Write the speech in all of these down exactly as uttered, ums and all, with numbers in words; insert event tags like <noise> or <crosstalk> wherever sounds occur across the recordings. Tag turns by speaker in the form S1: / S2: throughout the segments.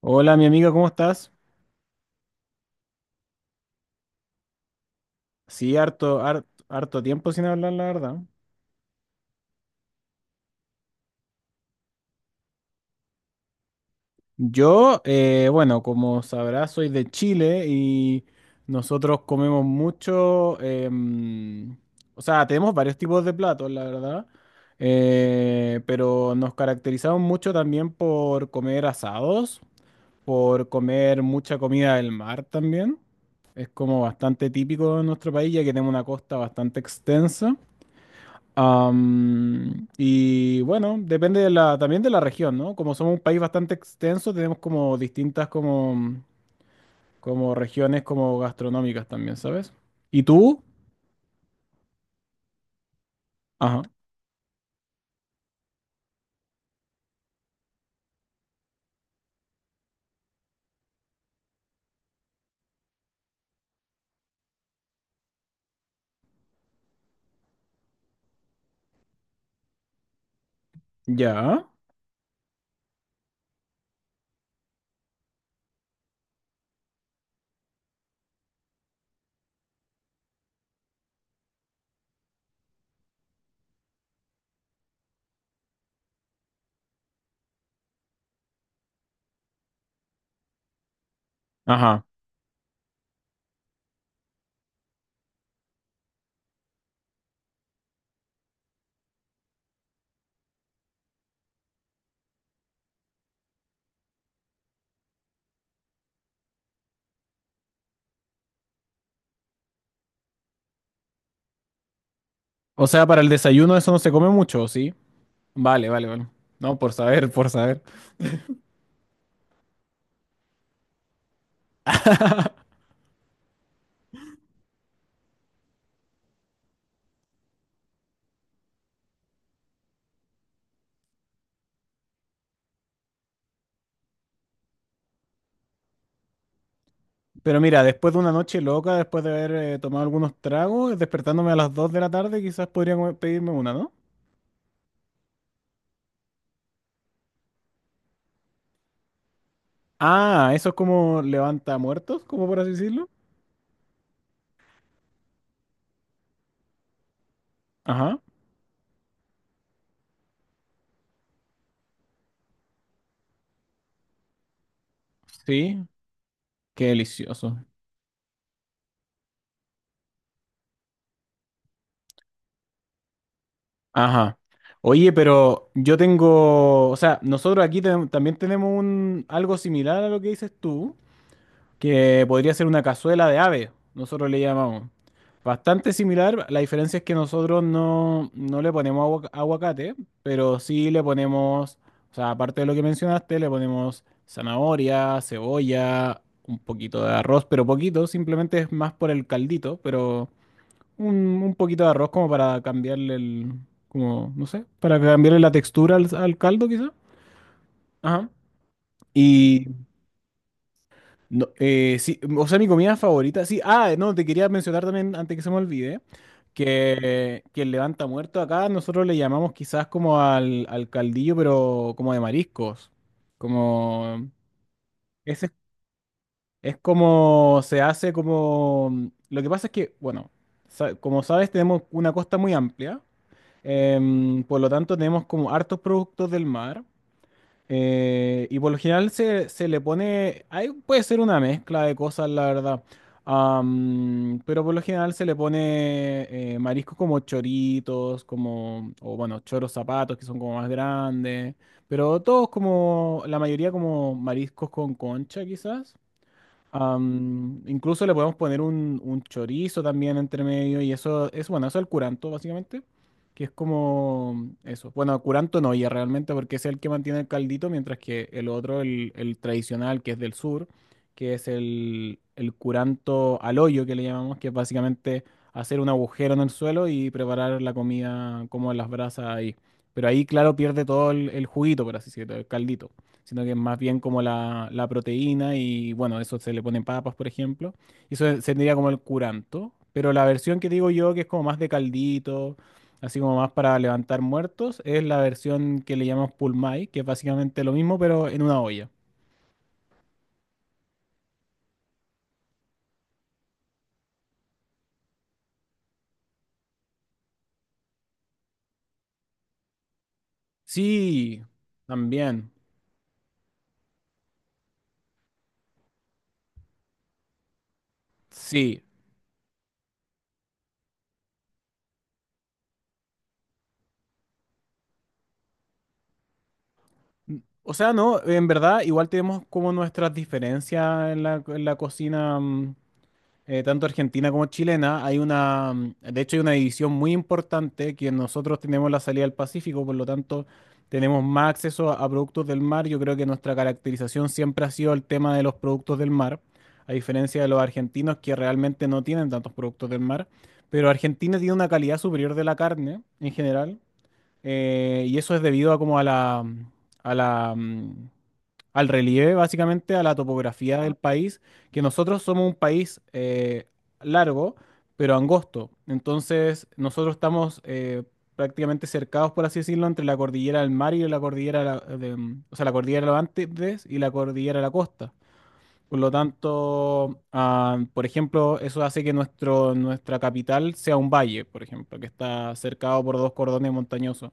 S1: Hola, mi amiga, ¿cómo estás? Sí, harto, har- harto, tiempo sin hablar, la verdad. Yo, eh, bueno, como sabrás, soy de Chile y nosotros comemos mucho, em, o sea, tenemos varios tipos de platos, la verdad, eh, pero nos caracterizamos mucho también por comer asados, por comer mucha comida del mar también. Es como bastante típico de nuestro país, ya que tenemos una costa bastante extensa. Am, y bueno, depende de la, también de la región, ¿no? Como somos un país bastante extenso, tenemos como distintas como, como regiones como gastronómicas también, ¿sabes? ¿Y tú? Ajá. Ya. Ajá. O sea, para el desayuno eso no se come mucho, ¿o sí? Vale, vale, vale. No, por saber, por saber. Pero mira, después de una noche loca, después de haber eh, tomado algunos tragos, despertándome a las dos de la tarde, quizás podría comer- pedirme una, ¿no? Ah, eso es como levanta muertos, como por así decirlo. Ajá. Sí, qué delicioso. Ajá. Oye, pero yo tengo, o sea, nosotros aquí ten- también tenemos un algo similar a lo que dices tú, que podría ser una cazuela de ave, nosotros le llamamos. Bastante similar, la diferencia es que nosotros no, no le ponemos aguac- aguacate, pero sí le ponemos, o sea, aparte de lo que mencionaste, le ponemos zanahoria, cebolla, un poquito de arroz, pero poquito, simplemente es más por el caldito, pero un, un poquito de arroz como para cambiarle el, como, no sé, para cambiarle la textura al, al caldo quizá. Ajá. Y, no, eh, sí, o sea, mi comida favorita, sí, ah, no, te quería mencionar también, antes que se me olvide, que, que el levanta muerto acá nosotros le llamamos quizás como al, al caldillo, pero como de mariscos, como, ese es es como, se hace como, lo que pasa es que, bueno, sa- como sabes, tenemos una costa muy amplia. Em, por lo tanto, tenemos como hartos productos del mar. Eh, y por lo general se, se le pone, ahí puede ser una mezcla de cosas, la verdad. Am, pero por lo general se le pone eh, mariscos como choritos, como, o bueno, choros zapatos que son como más grandes. Pero todos como, la mayoría como mariscos con concha quizás. Am, incluso le podemos poner un, un chorizo también entre medio y eso es bueno, eso es el curanto básicamente, que es como eso. Bueno, curanto no ya realmente porque es el que mantiene el caldito, mientras que el otro, el, el tradicional que es del sur, que es el, el curanto al hoyo que le llamamos, que es básicamente hacer un agujero en el suelo y preparar la comida como en las brasas ahí. Pero ahí, claro, pierde todo el, el juguito, por así decirlo, el caldito sino que es más bien como la, la proteína y bueno, eso se le ponen papas, por ejemplo. Y eso es- sería como el curanto, pero la versión que digo yo, que es como más de caldito, así como más para levantar muertos, es la versión que le llamamos pulmay, que es básicamente lo mismo, pero en una olla. Sí, también, sí. N- O sea, no, en verdad, igual tenemos como nuestras diferencias en la, en la cocina. Mm, eh, tanto argentina como chilena, hay una, mm, de hecho hay una división muy importante que nosotros tenemos la salida al Pacífico, por lo tanto tenemos más acceso a, a productos del mar. Yo creo que nuestra caracterización siempre ha sido el tema de los productos del mar, a diferencia de los argentinos que realmente no tienen tantos productos del mar, pero Argentina tiene una calidad superior de la carne en general. Eh, y eso es debido a como a la, a la, mm, al relieve, básicamente, a la topografía del país, que nosotros somos un país eh, largo, pero angosto. Entonces, nosotros estamos eh, prácticamente cercados, por así decirlo, entre la cordillera del mar y la cordillera, de la- de, mm, o sea, la cordillera de los Andes y la cordillera de la costa. Por lo tanto, ah, por ejemplo, eso hace que nuestro, nuestra capital sea un valle, por ejemplo, que está cercado por dos cordones montañosos.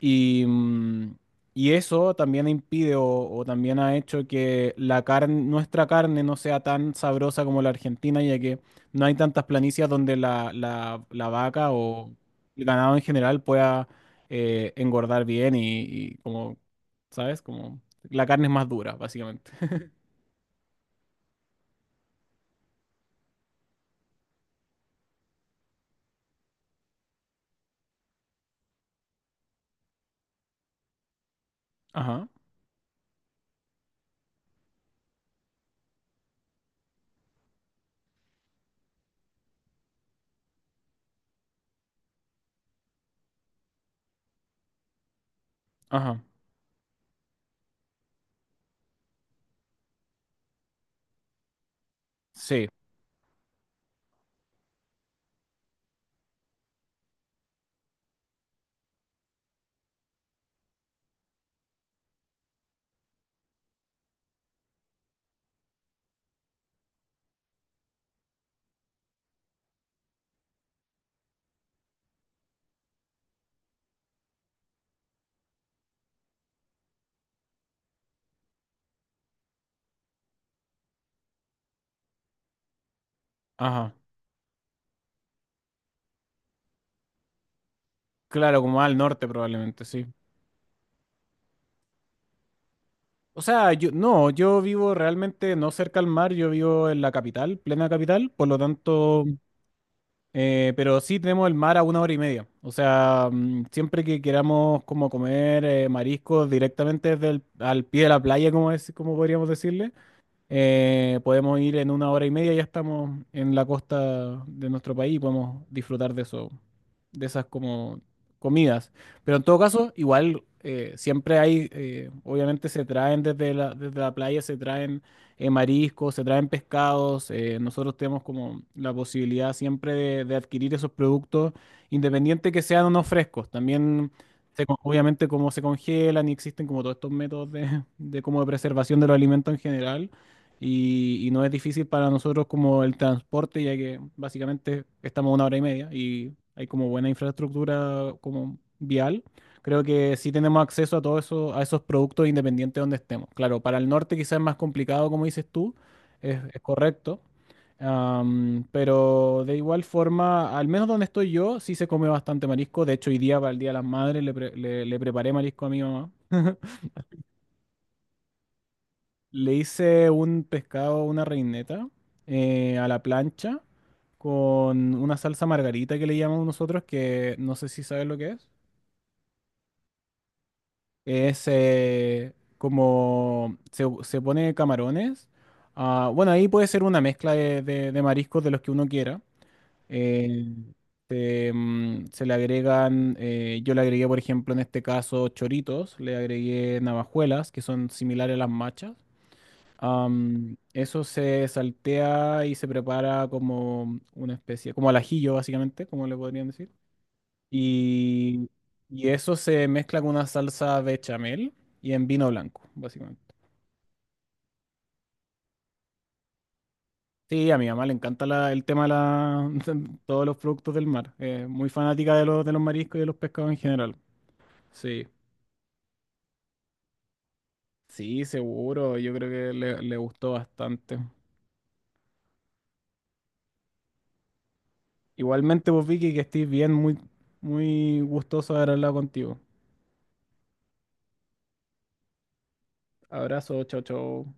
S1: Y, mm, y eso también impide o, o también ha hecho que la carne, nuestra carne no sea tan sabrosa como la argentina, ya que no hay tantas planicias donde la, la- la vaca o el ganado en general pueda eh, engordar bien y, y como, ¿sabes? Como la carne es más dura, básicamente. <laughs> Ajá, ajá, sí, ajá. Claro, como al norte probablemente, sí. O sea, yo, no, yo vivo realmente no cerca al mar, yo vivo en la capital, plena capital, por lo tanto, eh, pero sí tenemos el mar a una hora y media. O sea, mm, siempre que queramos como comer eh, mariscos directamente desde el- al pie de la playa, como es, como podríamos decirle, eh, podemos ir en una hora y media, ya estamos en la costa de nuestro país y podemos disfrutar de eso, de esas como comidas. Pero en todo caso, igual eh, siempre hay, eh, obviamente se traen desde la, desde la playa, se traen eh, mariscos, se traen pescados. Eh, nosotros tenemos como la posibilidad siempre de, de adquirir esos productos, independiente que sean o no frescos. También, se con- obviamente, como se congelan y existen como todos estos métodos de, de como de preservación de los alimentos en general y, y no es difícil para nosotros como el transporte, ya que básicamente estamos a una hora y media y hay como buena infraestructura como vial. Creo que sí tenemos acceso a todo eso, a esos productos independientes donde estemos. Claro, para el norte quizás es más complicado, como dices tú, es, es correcto. Am, pero de igual forma, al menos donde estoy yo, sí se come bastante marisco. De hecho, hoy día para el Día de las Madres le, pre- le- le preparé marisco a mi mamá. <laughs> Le hice un pescado, una reineta eh, a la plancha con una salsa margarita que le llamamos nosotros, que no sé si sabes lo que es. Es eh, como se, se pone camarones. Ah, bueno, ahí puede ser una mezcla de, de- de mariscos de los que uno quiera. Eh, se, mm, se le agregan, eh, yo le agregué, por ejemplo, en este caso, choritos, le agregué navajuelas, que son similares a las machas. Am, eso se saltea y se prepara como una especie, como al ajillo básicamente, como le podrían decir. Y, y eso se mezcla con una salsa bechamel y en vino blanco, básicamente. Sí, a mi mamá le encanta la- el tema de la- <laughs> todos los productos del mar. Es muy fanática de los, de los mariscos y de los pescados en general. Sí, sí, seguro. Yo creo que le, le gustó bastante. Igualmente, vos, Vicky, que estés bien, muy, muy gustoso de haber hablado contigo. Abrazo, chao, chao.